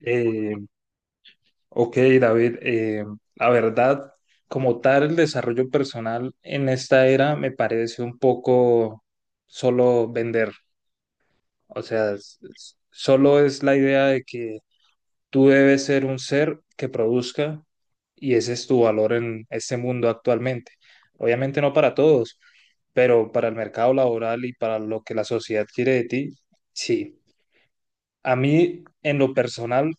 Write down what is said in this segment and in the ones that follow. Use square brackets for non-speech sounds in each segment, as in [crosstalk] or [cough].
Eh, ok, David, la verdad, como tal, el desarrollo personal en esta era me parece un poco solo vender. O sea, solo es la idea de que tú debes ser un ser que produzca y ese es tu valor en este mundo actualmente. Obviamente no para todos, pero para el mercado laboral y para lo que la sociedad quiere de ti, sí. A mí, en lo personal,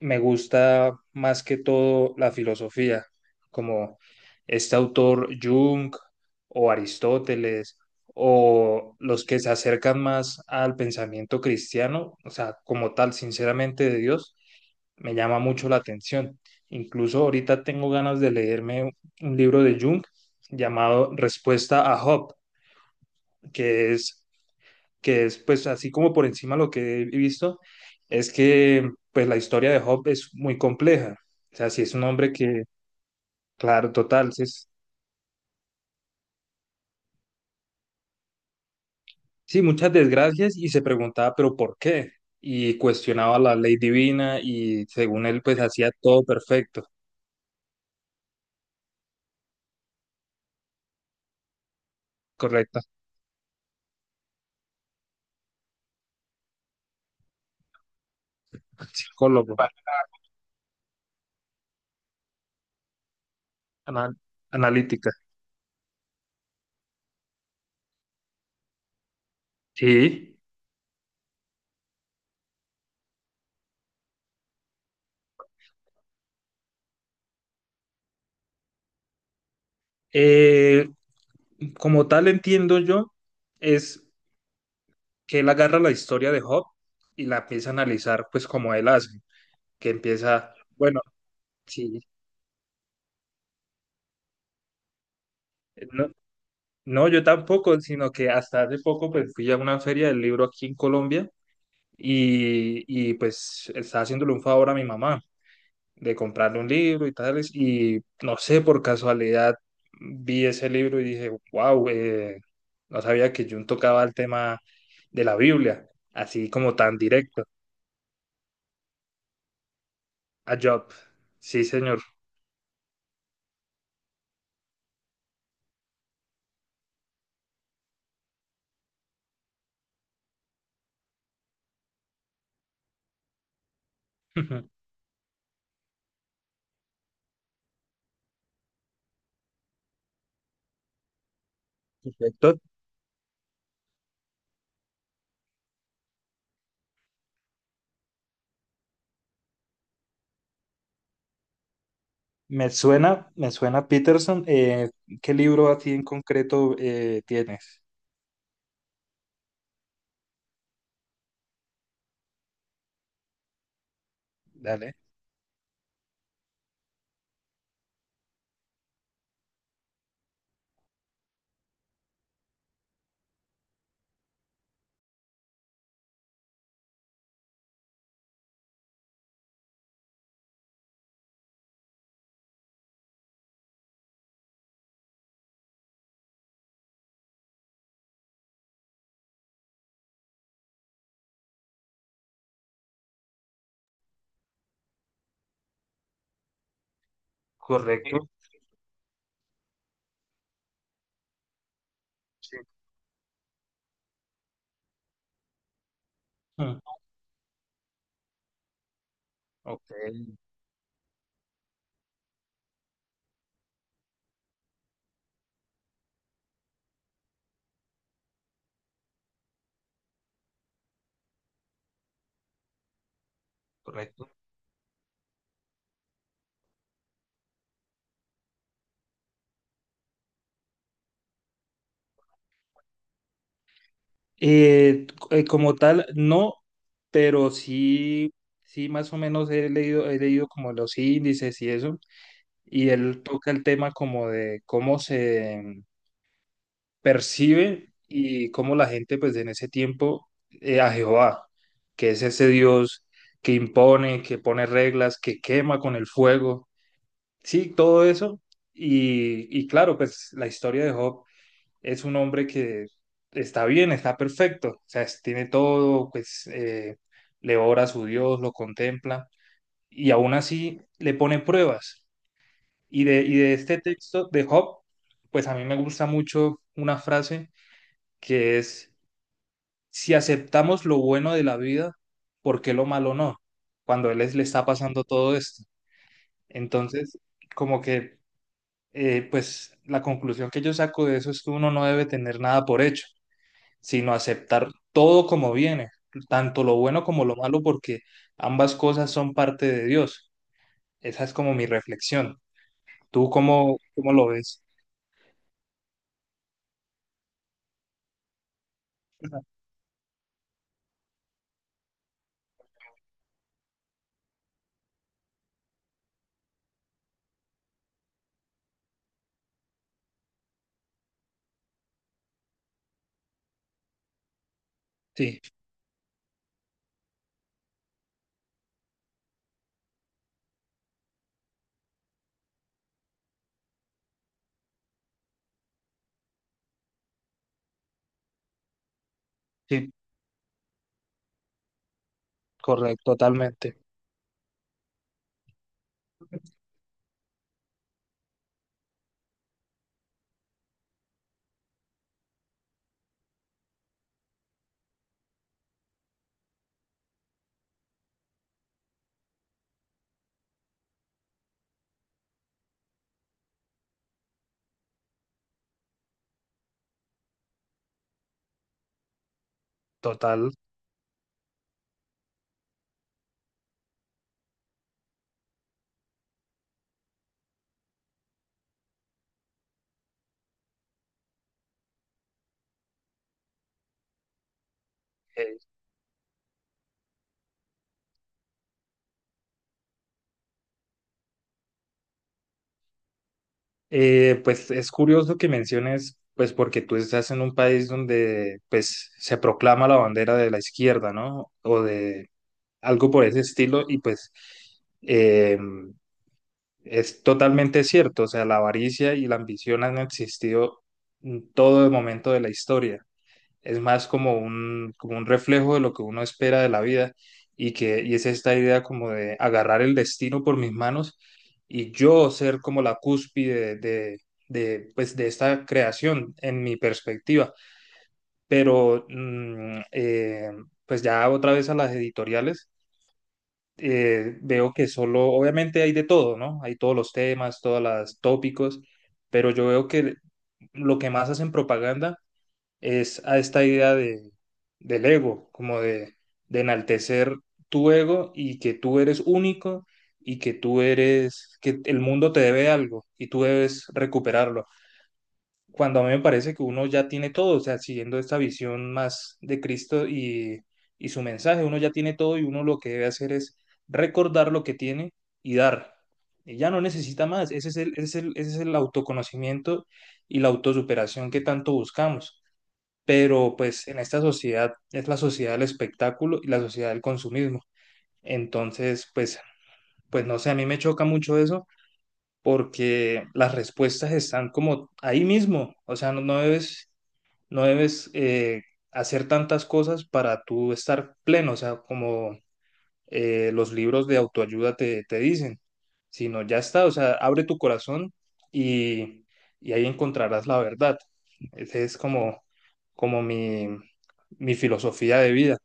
me gusta más que todo la filosofía, como este autor Jung o Aristóteles o los que se acercan más al pensamiento cristiano, o sea, como tal, sinceramente de Dios, me llama mucho la atención. Incluso ahorita tengo ganas de leerme un libro de Jung llamado Respuesta a Job, que es que es pues así como por encima lo que he visto, es que pues la historia de Job es muy compleja. O sea, si es un hombre que, claro, total, sí, sí, muchas desgracias y se preguntaba, pero ¿por qué? Y cuestionaba la ley divina y según él pues hacía todo perfecto, correcto. [laughs] Psicólogo, ana- analítica. Sí. Eh, Como tal entiendo yo, es que él agarra la historia de Job y la empieza a analizar pues como él hace. Que empieza, bueno, sí, no, no, yo tampoco, sino que hasta hace poco pues fui a una feria del libro aquí en Colombia y, y pues estaba haciéndole un favor a mi mamá de comprarle un libro y tales y no sé, por casualidad vi ese libro y dije, wow, no sabía que Jung tocaba el tema de la Biblia, así como tan directo, a Job. Sí, señor. [laughs] Perfecto. Me suena Peterson. ¿Qué libro así en concreto tienes? Dale. Correcto, sí. Mm. Ok, correcto. Como tal, no, pero sí, sí más o menos he leído como los índices y eso, y él toca el tema como de cómo se, percibe y cómo la gente pues en ese tiempo a Jehová, que es ese Dios que impone, que pone reglas, que quema con el fuego, sí, todo eso. Y claro, pues la historia de Job es un hombre que está bien, está perfecto, o sea, tiene todo, pues le ora a su Dios, lo contempla y aún así le pone pruebas. Y de este texto de Job, pues a mí me gusta mucho una frase que es si aceptamos lo bueno de la vida, ¿por qué lo malo no? Cuando le está pasando todo esto. Entonces, como que, pues la conclusión que yo saco de eso es que uno no debe tener nada por hecho, sino aceptar todo como viene, tanto lo bueno como lo malo, porque ambas cosas son parte de Dios. Esa es como mi reflexión. ¿Tú cómo, cómo lo ves? Sí, sí, correcto, totalmente, total. eh, pues es curioso que menciones, pues porque tú estás en un país donde pues se proclama la bandera de la izquierda, ¿no? O de algo por ese estilo y pues, eh, es totalmente cierto, o sea, la avaricia y la ambición han existido en todo el momento de la historia, es más como un reflejo de lo que uno espera de la vida y que y es esta idea como de agarrar el destino por mis manos y yo ser como la cúspide de, pues de esta creación en mi perspectiva. Pero pues ya otra vez a las editoriales, veo que solo, obviamente hay de todo, ¿no? Hay todos los temas, todos los tópicos, pero yo veo que lo que más hacen propaganda es a esta idea de, del ego, como de enaltecer tu ego y que tú eres único y que tú eres, que el mundo te debe algo y tú debes recuperarlo. Cuando a mí me parece que uno ya tiene todo, o sea, siguiendo esta visión más de Cristo y su mensaje, uno ya tiene todo y uno lo que debe hacer es recordar lo que tiene y dar. Y ya no necesita más. Ese es el autoconocimiento y la autosuperación que tanto buscamos, pero pues en esta sociedad es la sociedad del espectáculo y la sociedad del consumismo. Entonces, pues, pues no sé, a mí me choca mucho eso porque las respuestas están como ahí mismo, o sea, no debes hacer tantas cosas para tú estar pleno, o sea, como los libros de autoayuda te, te dicen, sino ya está, o sea, abre tu corazón y, y ahí encontrarás la verdad. Esa es como, como mi filosofía de vida.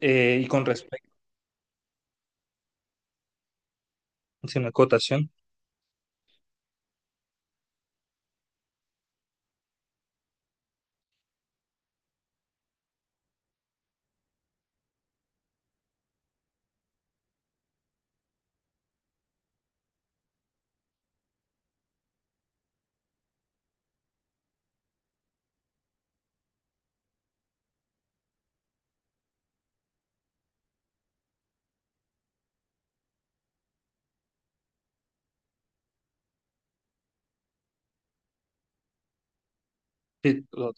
Y con respecto, si una acotación, sí,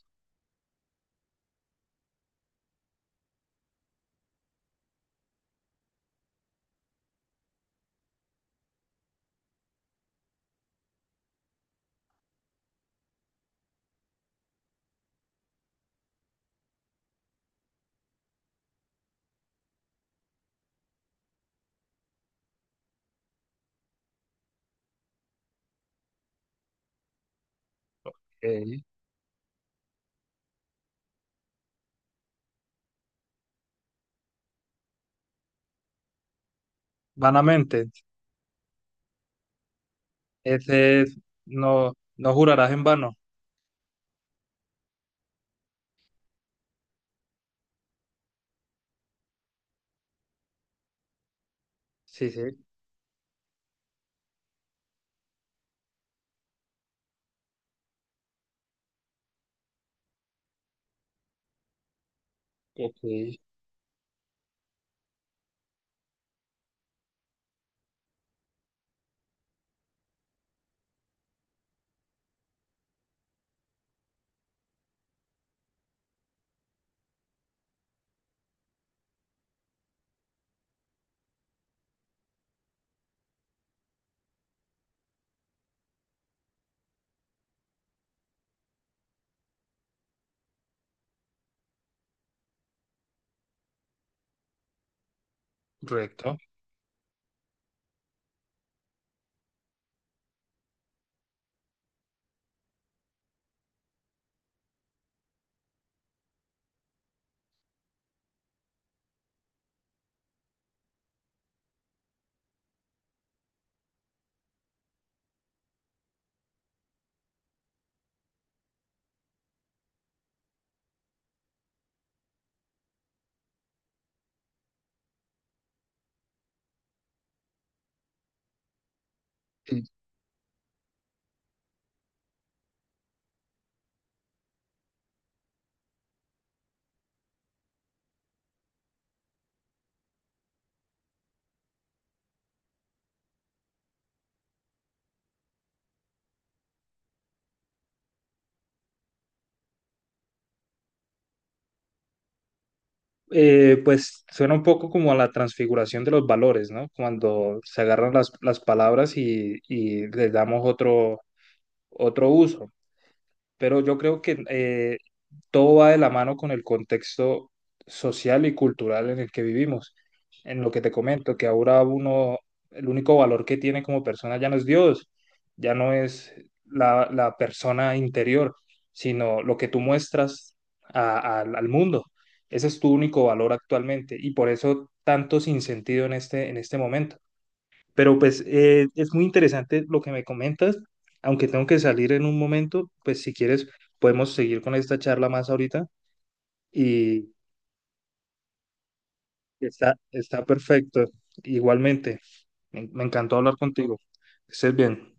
eh, vanamente, ese es, no, no jurarás en vano. Sí, sí, ok, correcto. Pues suena un poco como a la transfiguración de los valores, ¿no? Cuando se agarran las palabras y les damos otro, otro uso, pero yo creo que todo va de la mano con el contexto social y cultural en el que vivimos. En lo que te comento, que ahora uno, el único valor que tiene como persona ya no es Dios, ya no es la, la persona interior, sino lo que tú muestras al mundo. Ese es tu único valor actualmente y por eso tanto sinsentido en este momento. Pero pues es muy interesante lo que me comentas, aunque tengo que salir en un momento, pues si quieres podemos seguir con esta charla más ahorita y está, está perfecto. Igualmente, me encantó hablar contigo. Que estés bien.